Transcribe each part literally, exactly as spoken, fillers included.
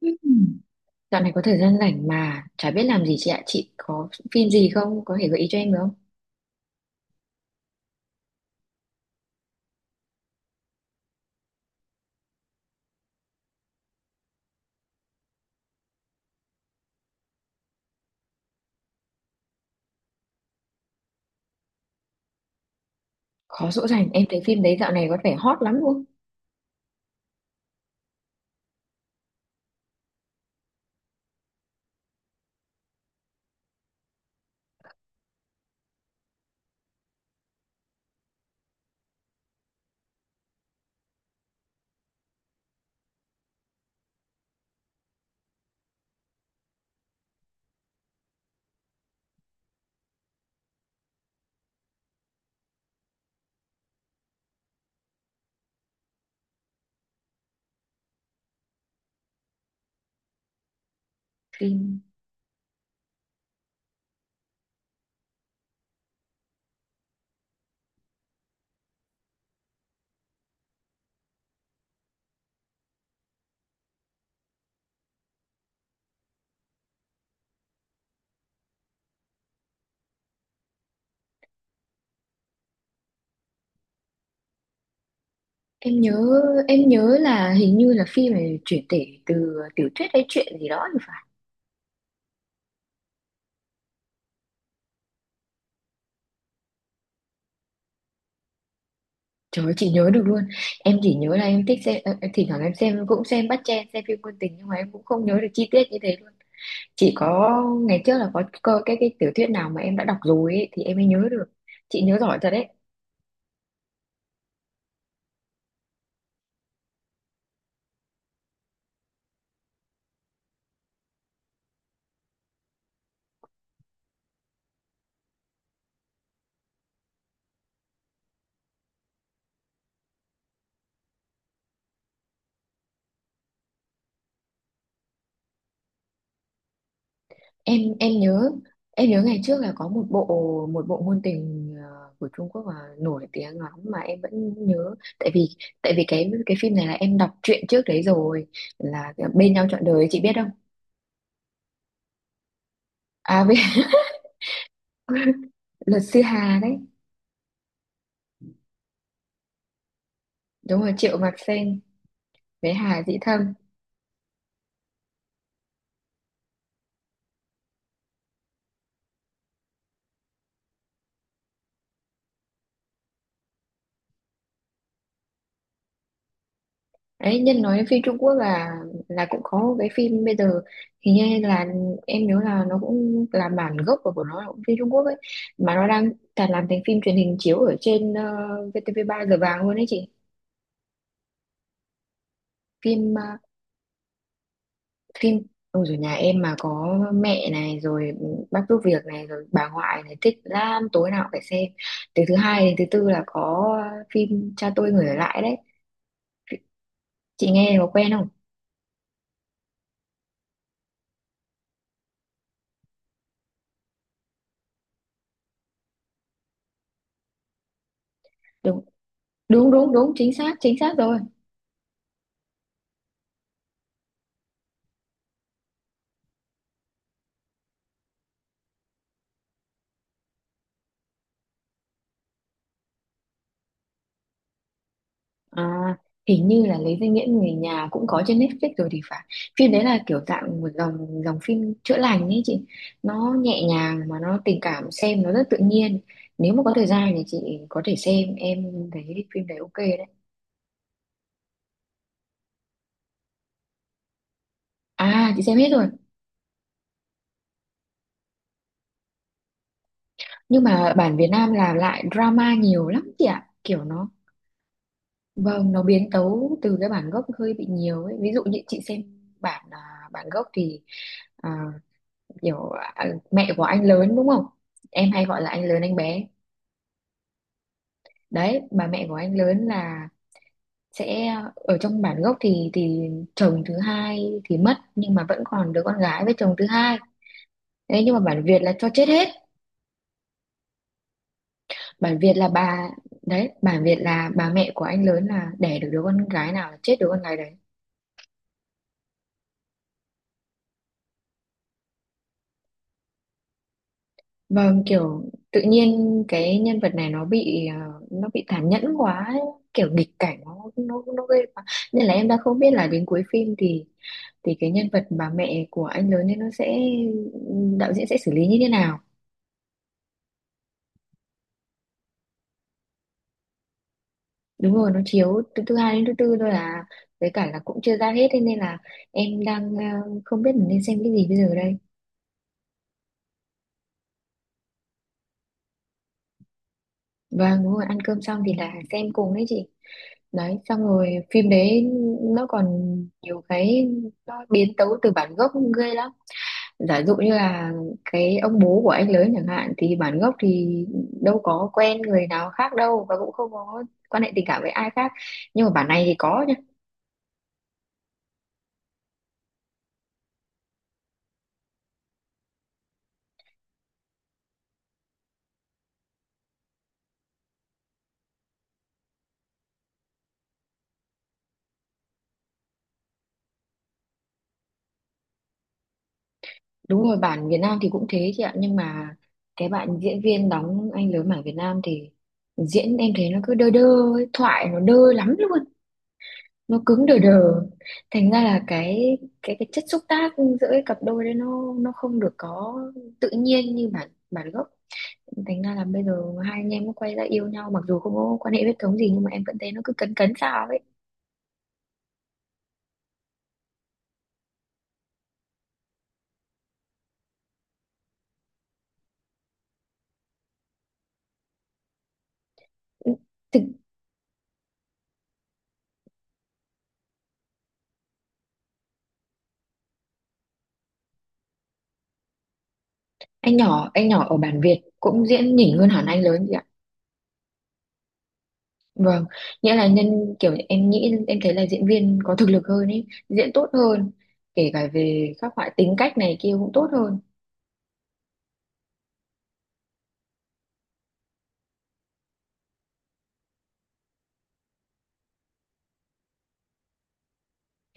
Ừm, Dạo này có thời gian rảnh mà chả biết làm gì chị ạ. Chị có phim gì không? Có thể gợi ý cho em được không? Khó dỗ dành. Em thấy phim đấy dạo này có vẻ hot lắm luôn. Phim em nhớ em nhớ là hình như là phim này chuyển thể từ tiểu thuyết hay chuyện gì đó thì phải. Trời ơi, chị nhớ được luôn. Em chỉ nhớ là em thích xem ờ, thỉnh thoảng em xem cũng xem bắt chen xem phim ngôn tình nhưng mà em cũng không nhớ được chi tiết như thế luôn. Chỉ có ngày trước là có, có cái cái tiểu thuyết nào mà em đã đọc rồi ấy, thì em mới nhớ được. Chị nhớ giỏi thật. Em em nhớ em nhớ ngày trước là có một bộ một bộ ngôn tình ờ, của Trung Quốc mà nổi tiếng lắm mà em vẫn nhớ. Tại vì tại vì cái cái phim này là em đọc truyện trước đấy rồi, là ờ, bên nhau trọn đời, chị biết không? À bên Luật sư Hà đấy. Đúng rồi, Triệu Mạc Sen với Hà Dĩ Thâm. Đấy, nhân nói phim Trung Quốc là là cũng có một cái phim bây giờ, hình như là em nhớ là nó cũng là bản gốc, của của nó là cũng phim Trung Quốc ấy, mà nó đang cả làm thành phim truyền hình chiếu ở trên uh, vê tê vê ba giờ vàng luôn đấy chị. phim ờ, Phim. Ôi rồi, nhà em mà có mẹ này rồi, bác giúp việc này rồi, bà ngoại này thích lắm, tối nào cũng phải xem. Từ thứ hai đến thứ tư là có phim Cha tôi người ở lại đấy, chị nghe có quen không? Đúng đúng đúng đúng chính xác, chính xác rồi. À, hình như là Lấy danh nghĩa người nhà cũng có trên Netflix rồi thì phải. Phim đấy là kiểu dạng một dòng dòng phim chữa lành ấy chị. Nó nhẹ nhàng mà nó tình cảm, xem nó rất tự nhiên. Nếu mà có thời gian thì chị có thể xem, em thấy phim đấy ok đấy. À, chị xem hết rồi. Nhưng mà bản Việt Nam làm lại drama nhiều lắm chị ạ. Kiểu nó, vâng, nó biến tấu từ cái bản gốc hơi bị nhiều ấy. Ví dụ như chị xem bản à, bản gốc thì, à, kiểu, à, mẹ của anh lớn đúng không, em hay gọi là anh lớn anh bé đấy. Bà mẹ của anh lớn là sẽ, ở trong bản gốc thì thì chồng thứ hai thì mất nhưng mà vẫn còn đứa con gái với chồng thứ hai đấy, nhưng mà bản Việt là cho chết hết. Bản Việt là bà Đấy, bản Việt là bà mẹ của anh lớn là đẻ được đứa con gái nào là chết đứa con gái đấy. Vâng, kiểu tự nhiên cái nhân vật này nó bị à, nó bị tàn nhẫn quá ấy. Kiểu nghịch cảnh nó nó nó ghê quá, nên là em đã không biết là đến cuối phim thì thì cái nhân vật bà mẹ của anh lớn ấy nó sẽ, đạo diễn sẽ xử lý như thế nào. Đúng rồi, nó chiếu từ thứ hai đến thứ tư thôi à, với cả là cũng chưa ra hết, thế nên là em đang ờ, không biết mình nên xem cái gì bây giờ đây. Vâng đúng rồi, ăn cơm xong thì là xem cùng đấy chị. Đấy xong rồi phim đấy nó còn nhiều cái, nó biến tấu từ bản gốc ghê lắm. Giả dụ như là cái ông bố của anh lớn chẳng hạn, thì bản gốc thì đâu có quen người nào khác đâu, và cũng không có quan hệ tình cảm với ai khác, nhưng mà bản này thì có nhá. Đúng rồi, bản Việt Nam thì cũng thế chị ạ, nhưng mà cái bạn diễn viên đóng anh lớn bản Việt Nam thì diễn em thấy nó cứ đơ đơ ấy, thoại nó đơ lắm luôn, nó cứng đờ đờ. Thành ra là cái cái cái chất xúc tác giữa cái cặp đôi đấy nó nó không được có tự nhiên như bản bản gốc. Thành ra là bây giờ hai anh em mới quay ra yêu nhau, mặc dù không có quan hệ huyết thống gì, nhưng mà em vẫn thấy nó cứ cấn cấn sao ấy. Thực, anh nhỏ anh nhỏ ở bản Việt cũng diễn nhỉnh hơn hẳn anh lớn chị ạ. Vâng, nghĩa là nhân kiểu em nghĩ em thấy là diễn viên có thực lực hơn ấy, diễn tốt hơn, kể cả về các loại tính cách này kia cũng tốt hơn.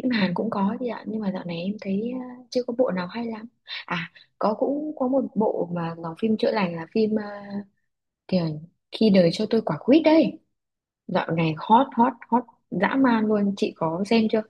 Phim Hàn cũng có chị ạ, nhưng mà dạo này em thấy à, chưa có bộ nào hay lắm. À, có cũng có một bộ mà nó phim chữa lành, là phim à, kiểu, Khi đời cho tôi quả quýt đấy. Dạo này hot hot hot dã man luôn, chị có xem chưa?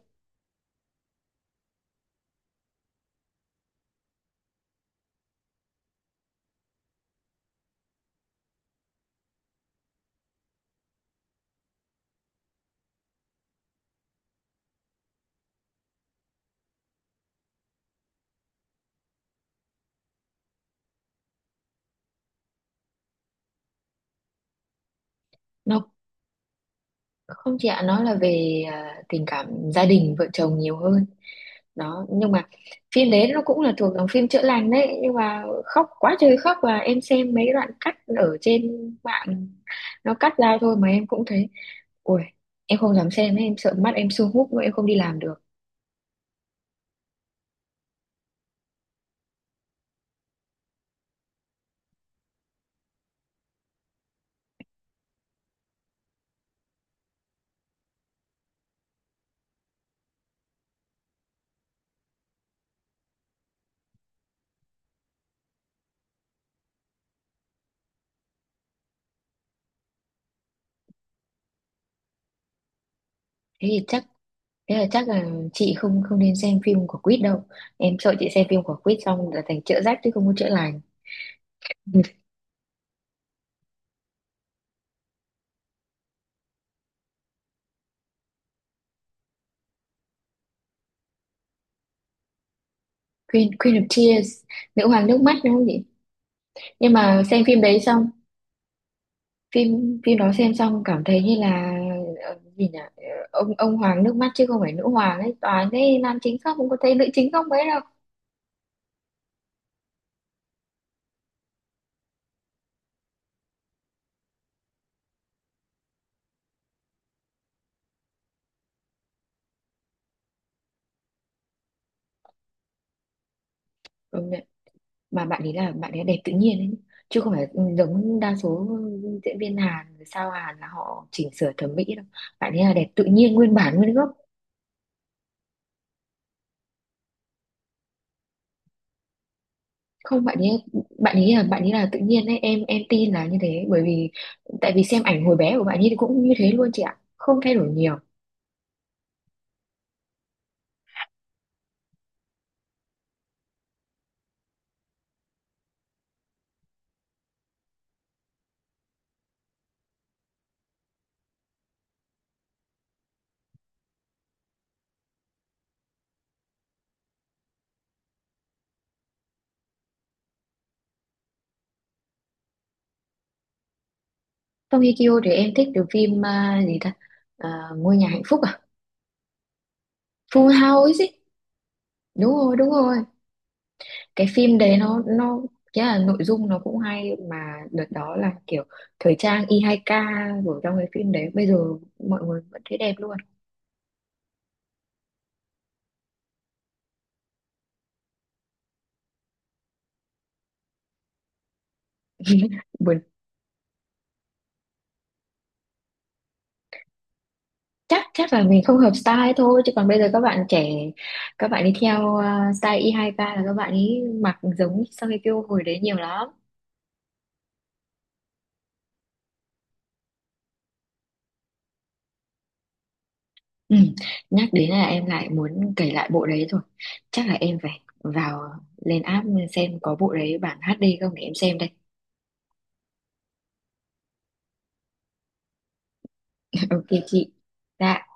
Nó không chị ạ, nó là về à, tình cảm gia đình vợ chồng nhiều hơn đó, nhưng mà phim đấy nó cũng là thuộc dòng phim chữa lành đấy, nhưng mà khóc quá trời khóc. Và em xem mấy đoạn cắt ở trên mạng, nó cắt ra thôi mà em cũng thấy, ui, em không dám xem ấy, em sợ mắt em sưng húp mà em không đi làm được. Thế thì chắc, thế là chắc là chị không không nên xem phim của Quýt đâu, em sợ chị xem phim của Quýt xong là thành chữa rách chứ không có chữa lành. Queen Queen of Tears, nữ hoàng nước mắt đúng không chị? Nhưng mà xem phim đấy xong, phim phim đó xem xong cảm thấy như là ờ, gì nhỉ, Ờ, ông ông hoàng nước mắt chứ không phải nữ hoàng ấy, toàn thấy nam chính khóc không có thấy nữ chính khóc mấy đâu. Công nhận. Mà bạn ấy là bạn ấy đẹp tự nhiên ấy, chứ không phải giống đa số diễn viên Hàn, sao Hàn là họ chỉnh sửa thẩm mỹ đâu, bạn ấy là đẹp tự nhiên, nguyên bản nguyên gốc. Không, bạn ấy, bạn ấy là bạn ấy là tự nhiên đấy em em tin là như thế, bởi vì tại vì xem ảnh hồi bé của bạn ấy thì cũng như thế luôn chị ạ, không thay đổi nhiều. Song Hye Kyo thì em thích từ phim à, gì ta, À, Ngôi nhà hạnh phúc à, Full House ấy. Đúng rồi đúng rồi, cái phim đấy nó nó cái là nội dung nó cũng hay, mà đợt đó là kiểu thời trang y hai ca, rồi trong cái phim đấy bây giờ mọi người vẫn thấy đẹp luôn. Chắc, chắc là mình không hợp style thôi, chứ còn bây giờ các bạn trẻ các bạn đi theo à, style y hai ca là các bạn ấy mặc giống Song Hye Kyo hồi đấy nhiều lắm. Ừ, nhắc đến là em lại muốn cày lại bộ đấy rồi, chắc là em phải vào, lên app xem có bộ đấy bản hát đê không để em xem đây. Ok chị, dạ.